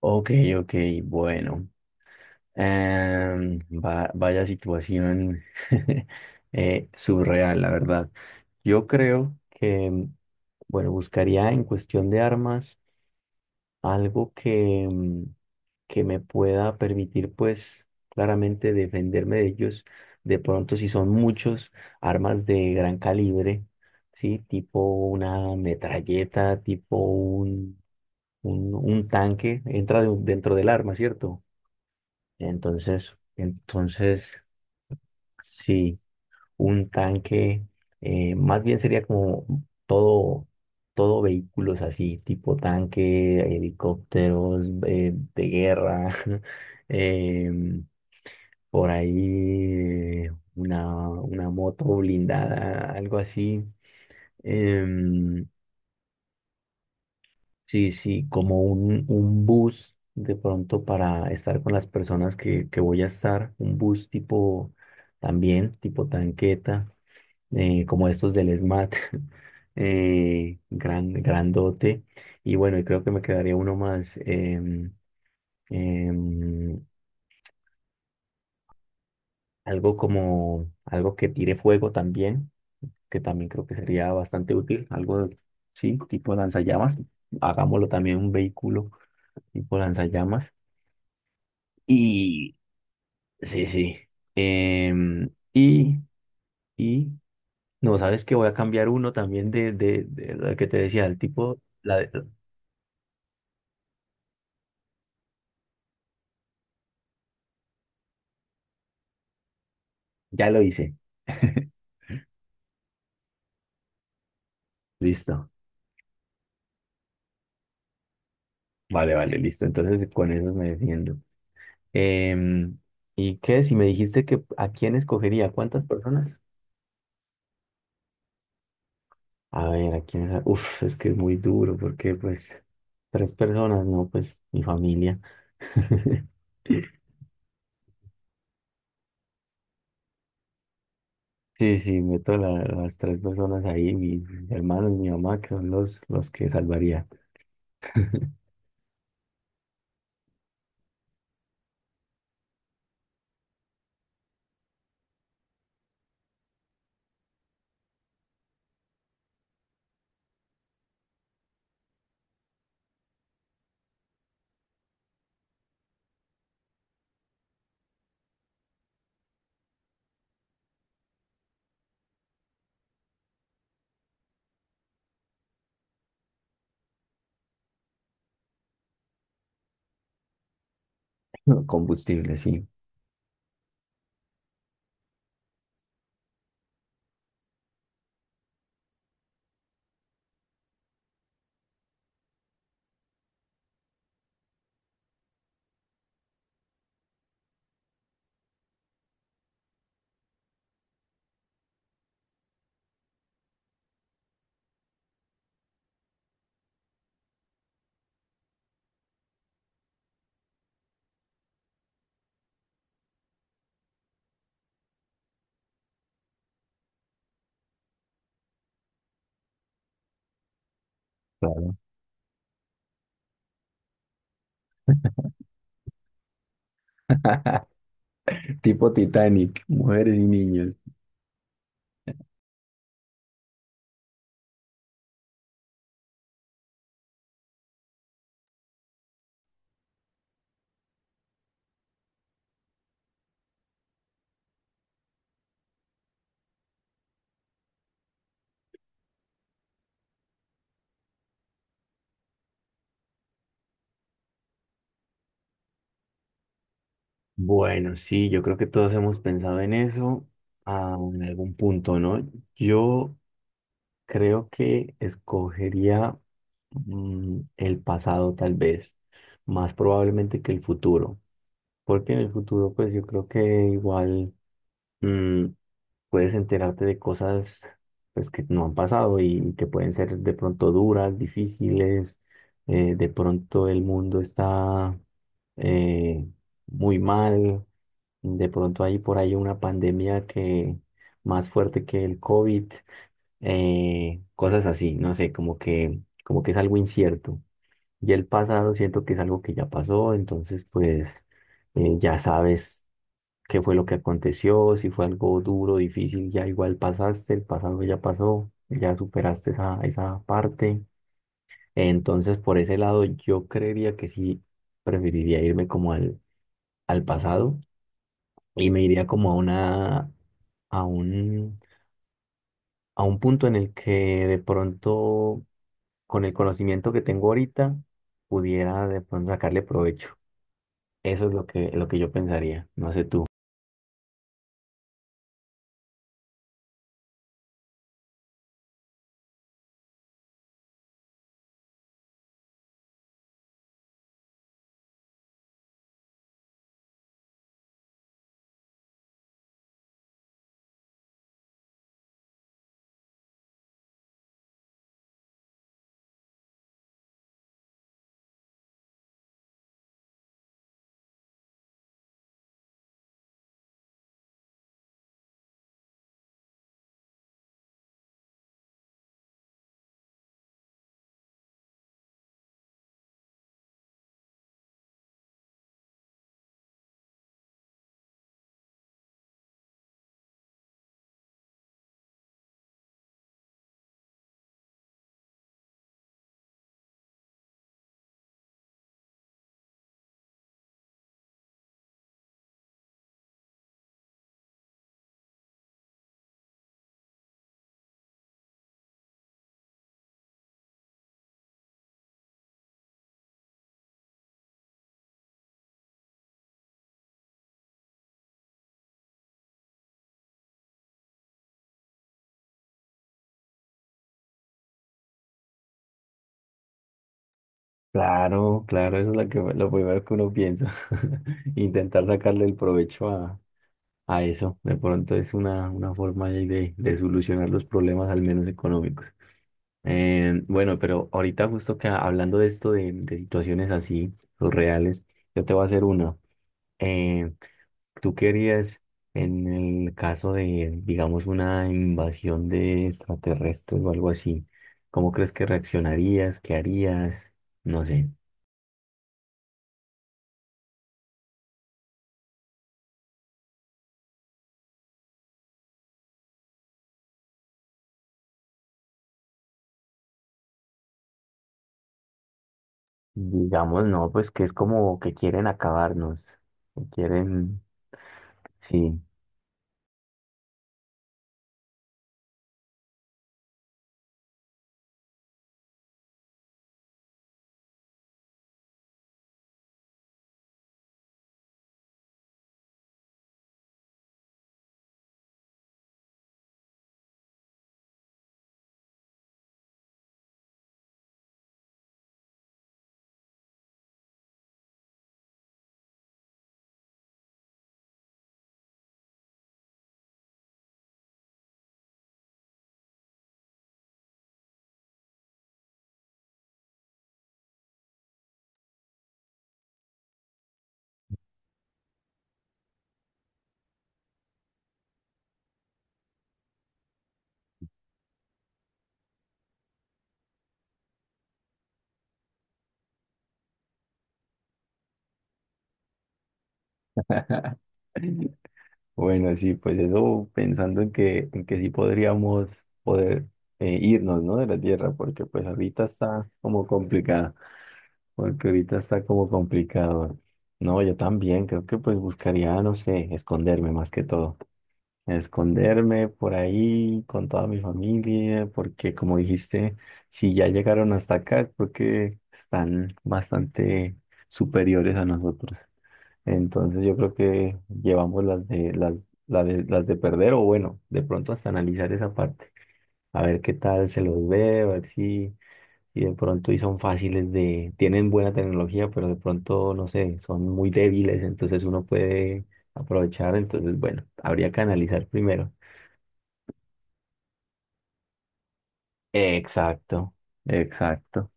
Ok, ok, bueno. Vaya situación surreal, la verdad. Yo creo que, bueno, buscaría en cuestión de armas algo que, que me pueda permitir, pues, claramente defenderme de ellos. De pronto, si son muchos, armas de gran calibre, ¿sí? Tipo una metralleta, tipo un tanque, entra dentro del arma, ¿cierto? Entonces, sí, un tanque, más bien sería como todo, todo vehículos así, tipo tanque, helicópteros, de guerra, em, por ahí eh, una moto blindada, algo así. em, Sí, sí, como un bus de pronto para estar con las personas que voy a estar, un bus tipo también, tipo tanqueta, como estos del SMAT, eh, grandote. Y bueno, y creo que me quedaría uno más, em, algo como algo que tire fuego también, que también creo que sería bastante útil, algo, sí, tipo lanzallamas, hagámoslo también un vehículo tipo lanzallamas. Y Sí, sí. Em, y, y, no, sabes que voy a cambiar uno también de lo que te decía, el tipo, la, de- ya lo hice. Listo. Vale, listo. Entonces con eso me defiendo. Em, ¿y qué? Si me dijiste que a quién escogería, ¿cuántas personas? A ver, Uf, es que es muy duro porque pues tres personas, no, pues mi familia. Sí, sí, meto las tres personas ahí, mis hermanos, mi mamá, que son los que salvaría. Combustible, sí, claro. Tipo Titanic, mujeres y niños. Bueno, sí, yo creo que todos hemos pensado en eso ah, en algún punto, ¿no? Yo creo que escogería mm, el pasado tal vez, más probablemente que el futuro, porque en el futuro pues yo creo que igual mm, puedes enterarte de cosas pues, que no han pasado y que pueden ser de pronto duras, difíciles, de pronto el mundo está eh, muy mal, de pronto hay por ahí una pandemia que más fuerte que el COVID, cosas así, no sé, como que es algo incierto. Y el pasado siento que es algo que ya pasó, entonces pues ya sabes qué fue lo que aconteció, si fue algo duro, difícil, ya igual pasaste, el pasado ya pasó, ya superaste esa parte. Entonces, por ese lado, yo creería que sí preferiría irme como al pasado y me iría como a una, a un, a un punto en el que de pronto, con el conocimiento que tengo ahorita, pudiera de pronto sacarle provecho. Eso es lo que yo pensaría. No sé tú. Claro, claro, eso es lo que, lo primero que uno piensa. Intentar sacarle el provecho a eso. De pronto es una forma ahí de solucionar los problemas, al menos económicos. Bueno, pero ahorita justo que hablando de esto, de situaciones así, los reales, yo te voy a hacer una. Eh, ¿Tú querías, en el caso de, digamos, una invasión de extraterrestres o algo así, cómo crees que reaccionarías? ¿Qué harías? No sé. Digamos, no, pues que es como que quieren acabarnos, que quieren, sí. Bueno, sí, pues eso pensando en en que sí podríamos poder irnos, ¿no? De la Tierra, porque pues ahorita está como complicado, porque ahorita está como complicado. No, yo también creo que pues buscaría, no sé, esconderme más que todo, a esconderme por ahí con toda mi familia, porque como dijiste, si ya llegaron hasta acá es porque están bastante superiores a nosotros. Entonces yo creo que llevamos las de perder o bueno, de pronto hasta analizar esa parte, a ver qué tal se los ve, a ver si, si de pronto y son fáciles de, tienen buena tecnología, pero de pronto, no sé, son muy débiles, entonces uno puede aprovechar, entonces bueno, habría que analizar primero. Exacto, exacto.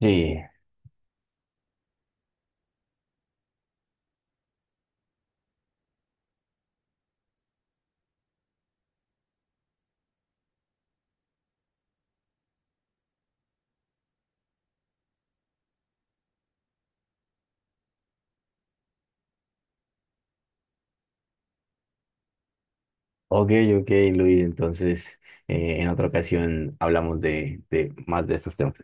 Sí, ok, ok, Luis. Entonces, en otra ocasión hablamos de más de estos temas.